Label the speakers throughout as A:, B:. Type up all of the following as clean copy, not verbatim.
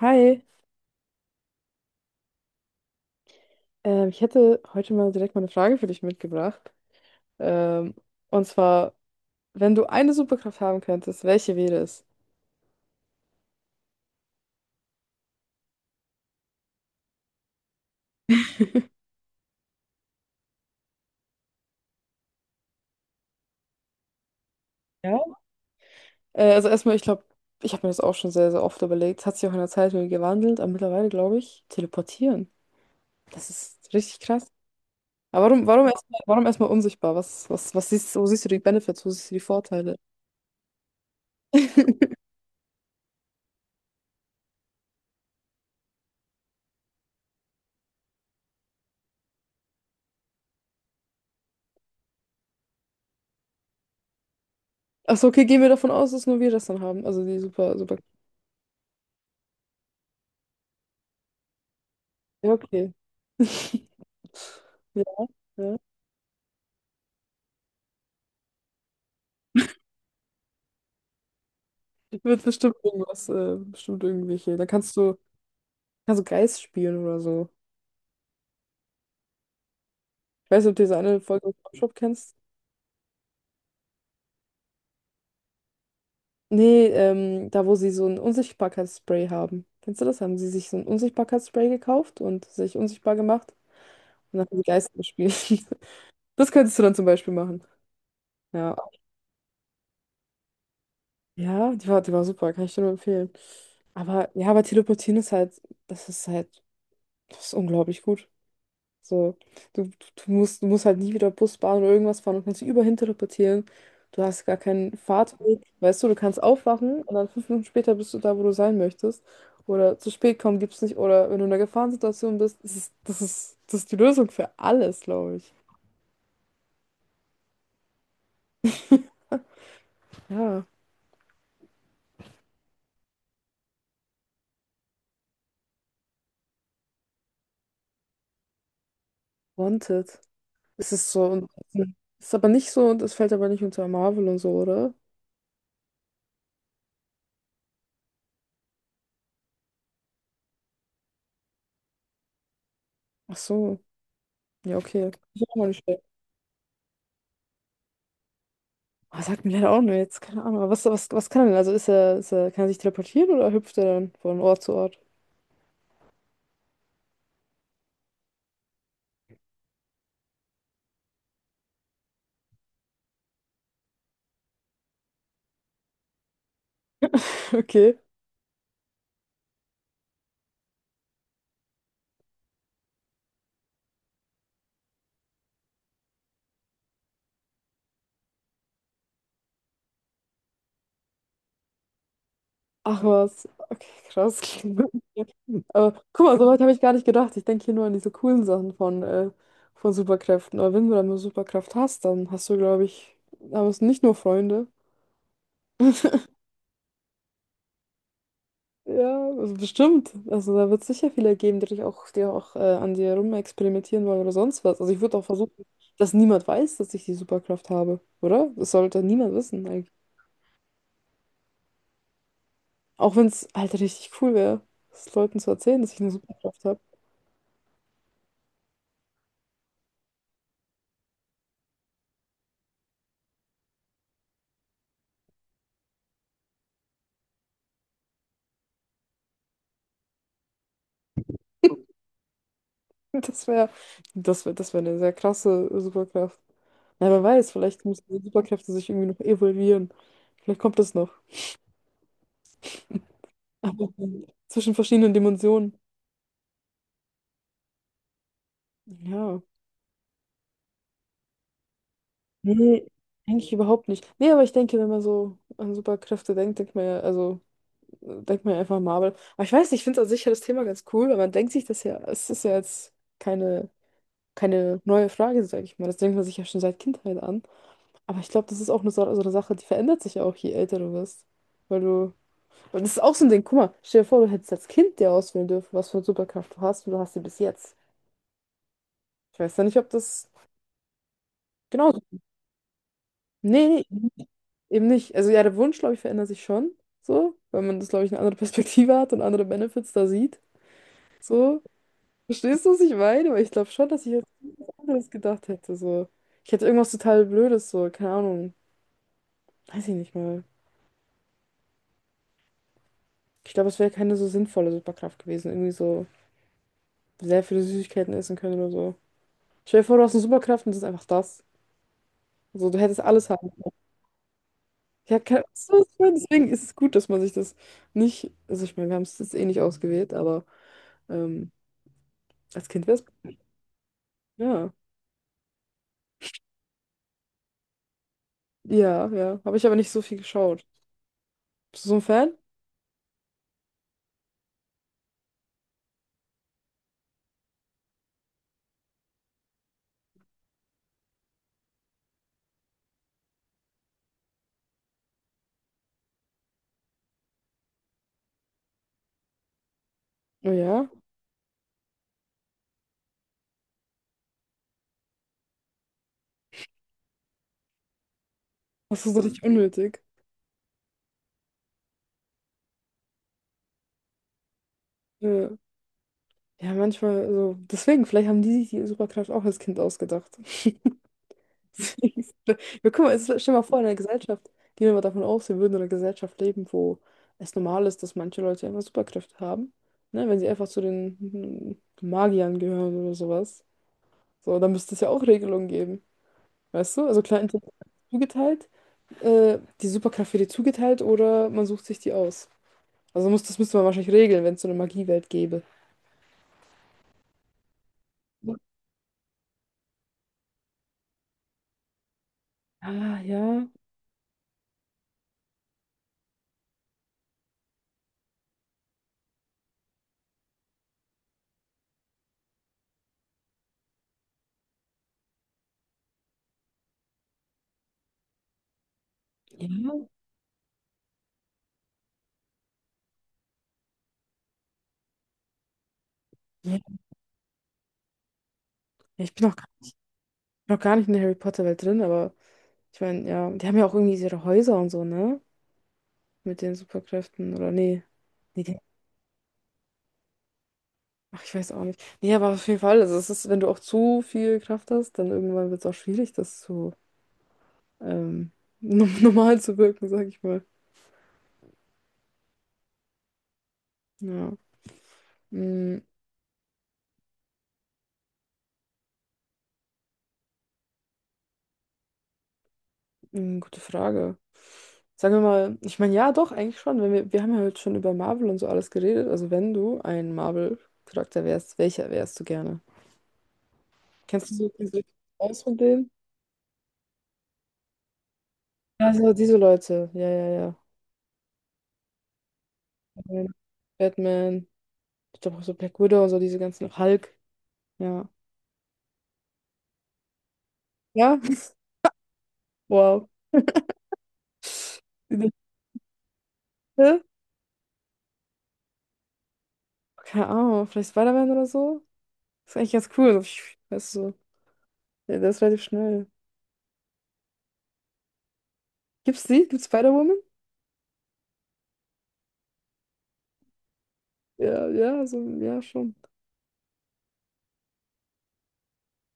A: Hi, ich hätte heute mal direkt mal eine Frage für dich mitgebracht. Ähm, und zwar, wenn du eine Superkraft haben könntest, welche wäre es? Ja, also erstmal, ich glaube, ich habe mir das auch schon sehr, sehr oft überlegt. Hat sich auch in der Zeit wieder gewandelt, aber mittlerweile glaube ich, teleportieren. Das ist richtig krass. Aber warum, warum erstmal unsichtbar? Was siehst, wo siehst du die Benefits? Wo siehst du die Vorteile? Achso, okay, gehen wir davon aus, dass nur wir das dann haben. Also die super. Ja, okay. Ja, wird bestimmt irgendwas, bestimmt irgendwelche. Kannst du Geist spielen oder so. Ich weiß nicht, ob du diese eine Folge von Pop Shop kennst. Nee, da wo sie so ein Unsichtbarkeitsspray haben. Kennst du das? Haben sie sich so ein Unsichtbarkeitsspray gekauft und sich unsichtbar gemacht und dann haben sie Geister gespielt. Das könntest du dann zum Beispiel machen. Ja. Ja, die war super, kann ich dir nur empfehlen. Aber ja, aber das ist halt, das ist unglaublich gut. So, du, du, du musst halt nie wieder Bus, Bahn oder irgendwas fahren und kannst dich überall teleportieren. Du hast gar keinen Fahrtweg. Weißt du, du kannst aufwachen und dann fünf Minuten später bist du da, wo du sein möchtest. Oder zu spät kommen gibt's nicht. Oder wenn du in einer Gefahrensituation bist, das ist die Lösung für alles, glaube ich. Ja, Wanted. Es ist so, und ist aber nicht so und es fällt aber nicht unter Marvel und so, oder? Ach so. Ja, okay. Ist auch mal nicht. Oh, sagt mir leider auch nur jetzt, keine Ahnung. Aber was kann er denn? Also ist er, kann er sich teleportieren oder hüpft er dann von Ort zu Ort? Okay. Ach was. Okay, krass. Aber guck mal, so weit habe ich gar nicht gedacht. Ich denke hier nur an diese coolen Sachen von Superkräften. Aber wenn du dann eine Superkraft hast, dann hast du, glaube ich, haben es nicht nur Freunde. Ja, also bestimmt. Also da wird es sicher viele geben, die auch an dir rumexperimentieren wollen oder sonst was. Also ich würde auch versuchen, dass niemand weiß, dass ich die Superkraft habe, oder? Das sollte niemand wissen. Auch wenn es halt richtig cool wäre, es Leuten zu erzählen, dass ich eine Superkraft habe. Das wäre, das wäre eine sehr krasse Superkraft. Na, wer weiß, vielleicht müssen die Superkräfte sich irgendwie noch evolvieren. Vielleicht kommt das noch. Aber zwischen verschiedenen Dimensionen. Ja. Nee, eigentlich überhaupt nicht. Nee, aber ich denke, wenn man so an Superkräfte denkt, denkt man ja, also denkt man ja einfach an Marvel. Aber ich weiß nicht, ich finde an sich ja das Thema ganz cool, weil man denkt sich das ja, es ist ja jetzt keine neue Frage, sage ich mal. Das denkt man sich ja schon seit Kindheit an. Aber ich glaube, das ist auch eine, so so eine Sache, die verändert sich ja auch, je älter du wirst. Weil du. Und das ist auch so ein Ding, guck mal, stell dir vor, du hättest als Kind dir auswählen dürfen, was für eine Superkraft du hast und du hast sie bis jetzt. Ich weiß ja nicht, ob das. Genau. Nee, nee, eben nicht. Also ja, der Wunsch, glaube ich, verändert sich schon. So, weil man das, glaube ich, eine andere Perspektive hat und andere Benefits da sieht. So. Verstehst du, was ich meine? Weil ich glaube schon, dass ich jetzt was anderes gedacht hätte. So. Ich hätte irgendwas total Blödes, so, keine Ahnung. Weiß ich nicht mal. Ich glaube, es wäre keine so sinnvolle Superkraft gewesen. Irgendwie so. Sehr viele Süßigkeiten essen können oder so. Stell dir vor, du hast eine Superkraft und das ist einfach das. Also du hättest alles haben. Ja, kann, so ist es. Deswegen ist es gut, dass man sich das nicht, also ich meine, wir haben es jetzt eh nicht ausgewählt, aber ähm, als Kind wäre es, ja. Ja, ja. Habe ich aber nicht so viel geschaut. Bist du so ein Fan? Oh ja. Das ist so richtig unnötig. Ja, ja manchmal, also deswegen, vielleicht haben die sich die Superkraft auch als Kind ausgedacht. Wir gucken mal, es ist- stell dir mal vor, in einer Gesellschaft, gehen wir mal davon aus, wir würden in einer Gesellschaft leben, wo es normal ist, dass manche Leute einfach Superkräfte haben. Ne? Wenn sie einfach zu den Magiern gehören oder sowas. So, dann müsste es ja auch Regelungen geben. Weißt du? Also klar, Intelligenz zugeteilt, die Superkraft wird dir zugeteilt oder man sucht sich die aus. Also muss, das müsste man wahrscheinlich regeln, wenn es so eine Magiewelt gäbe. Ah, ja. Ja. Ja. Ich bin noch, noch gar nicht in der Harry Potter-Welt drin, aber. Ich meine, ja, die haben ja auch irgendwie ihre Häuser und so, ne? Mit den Superkräften, oder nee. Nee, die- ach, ich weiß auch nicht. Nee, aber auf jeden Fall, also es ist, wenn du auch zu viel Kraft hast, dann irgendwann wird es auch schwierig, das zu ähm, normal zu wirken, sag ich mal. Ja. Mm, gute Frage. Sagen wir mal, ich meine, ja, doch, eigentlich schon. Wenn wir, wir haben ja heute schon über Marvel und so alles geredet. Also wenn du ein Marvel-Charakter wärst, welcher wärst du gerne? Kennst du dich aus von denen? Also diese Leute, ja, ja, ja. Batman, ich glaube auch so Black Widow und so diese ganzen Hulk. Ja. Ja? Wow. Diese- Hä? Keine Ahnung, vielleicht Spider-Man oder so? Ist eigentlich ganz cool. So, pfiuh, weißt du, so. Ja, der ist relativ schnell. Gibt's die? Gibt's Spider-Woman? Ja, ja, so, ja, schon.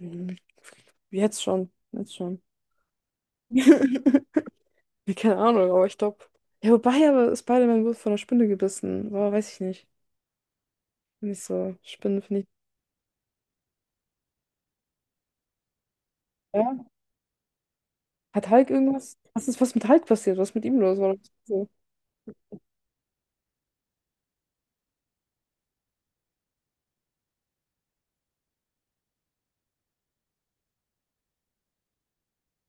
A: Hm, jetzt schon. Jetzt schon. Ja, keine Ahnung, aber ich glaube. Ja, wobei, aber Spider-Man wurde von einer Spinne gebissen. Boah, weiß ich nicht. Nicht so. Spinnen finde ich. Ja. Hat Hulk irgendwas? Was ist was mit Hulk passiert? Was ist mit ihm los? Warum ist er so?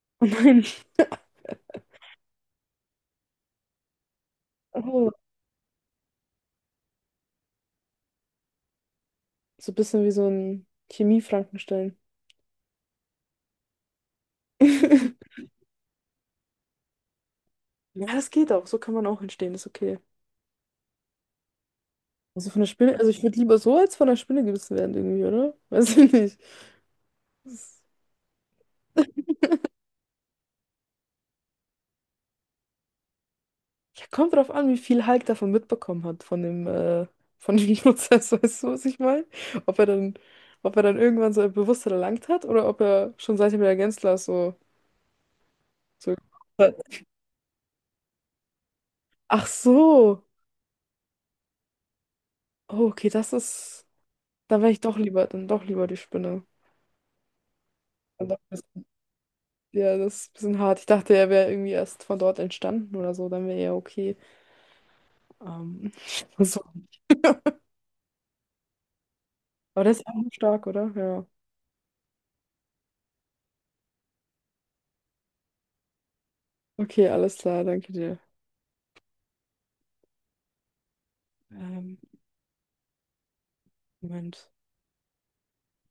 A: Oh nein. Oh. So ein bisschen wie so ein Chemie-Frankenstein. Ja, das geht auch. So kann man auch entstehen, ist okay. Also von der Spinne, also ich würde lieber so als von der Spinne gebissen werden irgendwie, oder? Weiß ich nicht. Das- ja, kommt drauf an, wie viel Hulk davon mitbekommen hat, von dem Prozess, weißt du, was ich meine? Ob er dann, ob er dann irgendwann so ein Bewusstsein erlangt hat oder ob er schon seitdem er Gänzler so, so. Ach so. Oh, okay, das ist. Dann wäre ich doch lieber, dann doch lieber die Spinne. Dann doch das. Ja, das ist ein bisschen hart. Ich dachte, er wäre irgendwie erst von dort entstanden oder so, dann wäre er okay. Ähm, so. Aber das ist auch stark, oder? Ja. Okay, alles klar, danke dir. Ähm, Moment.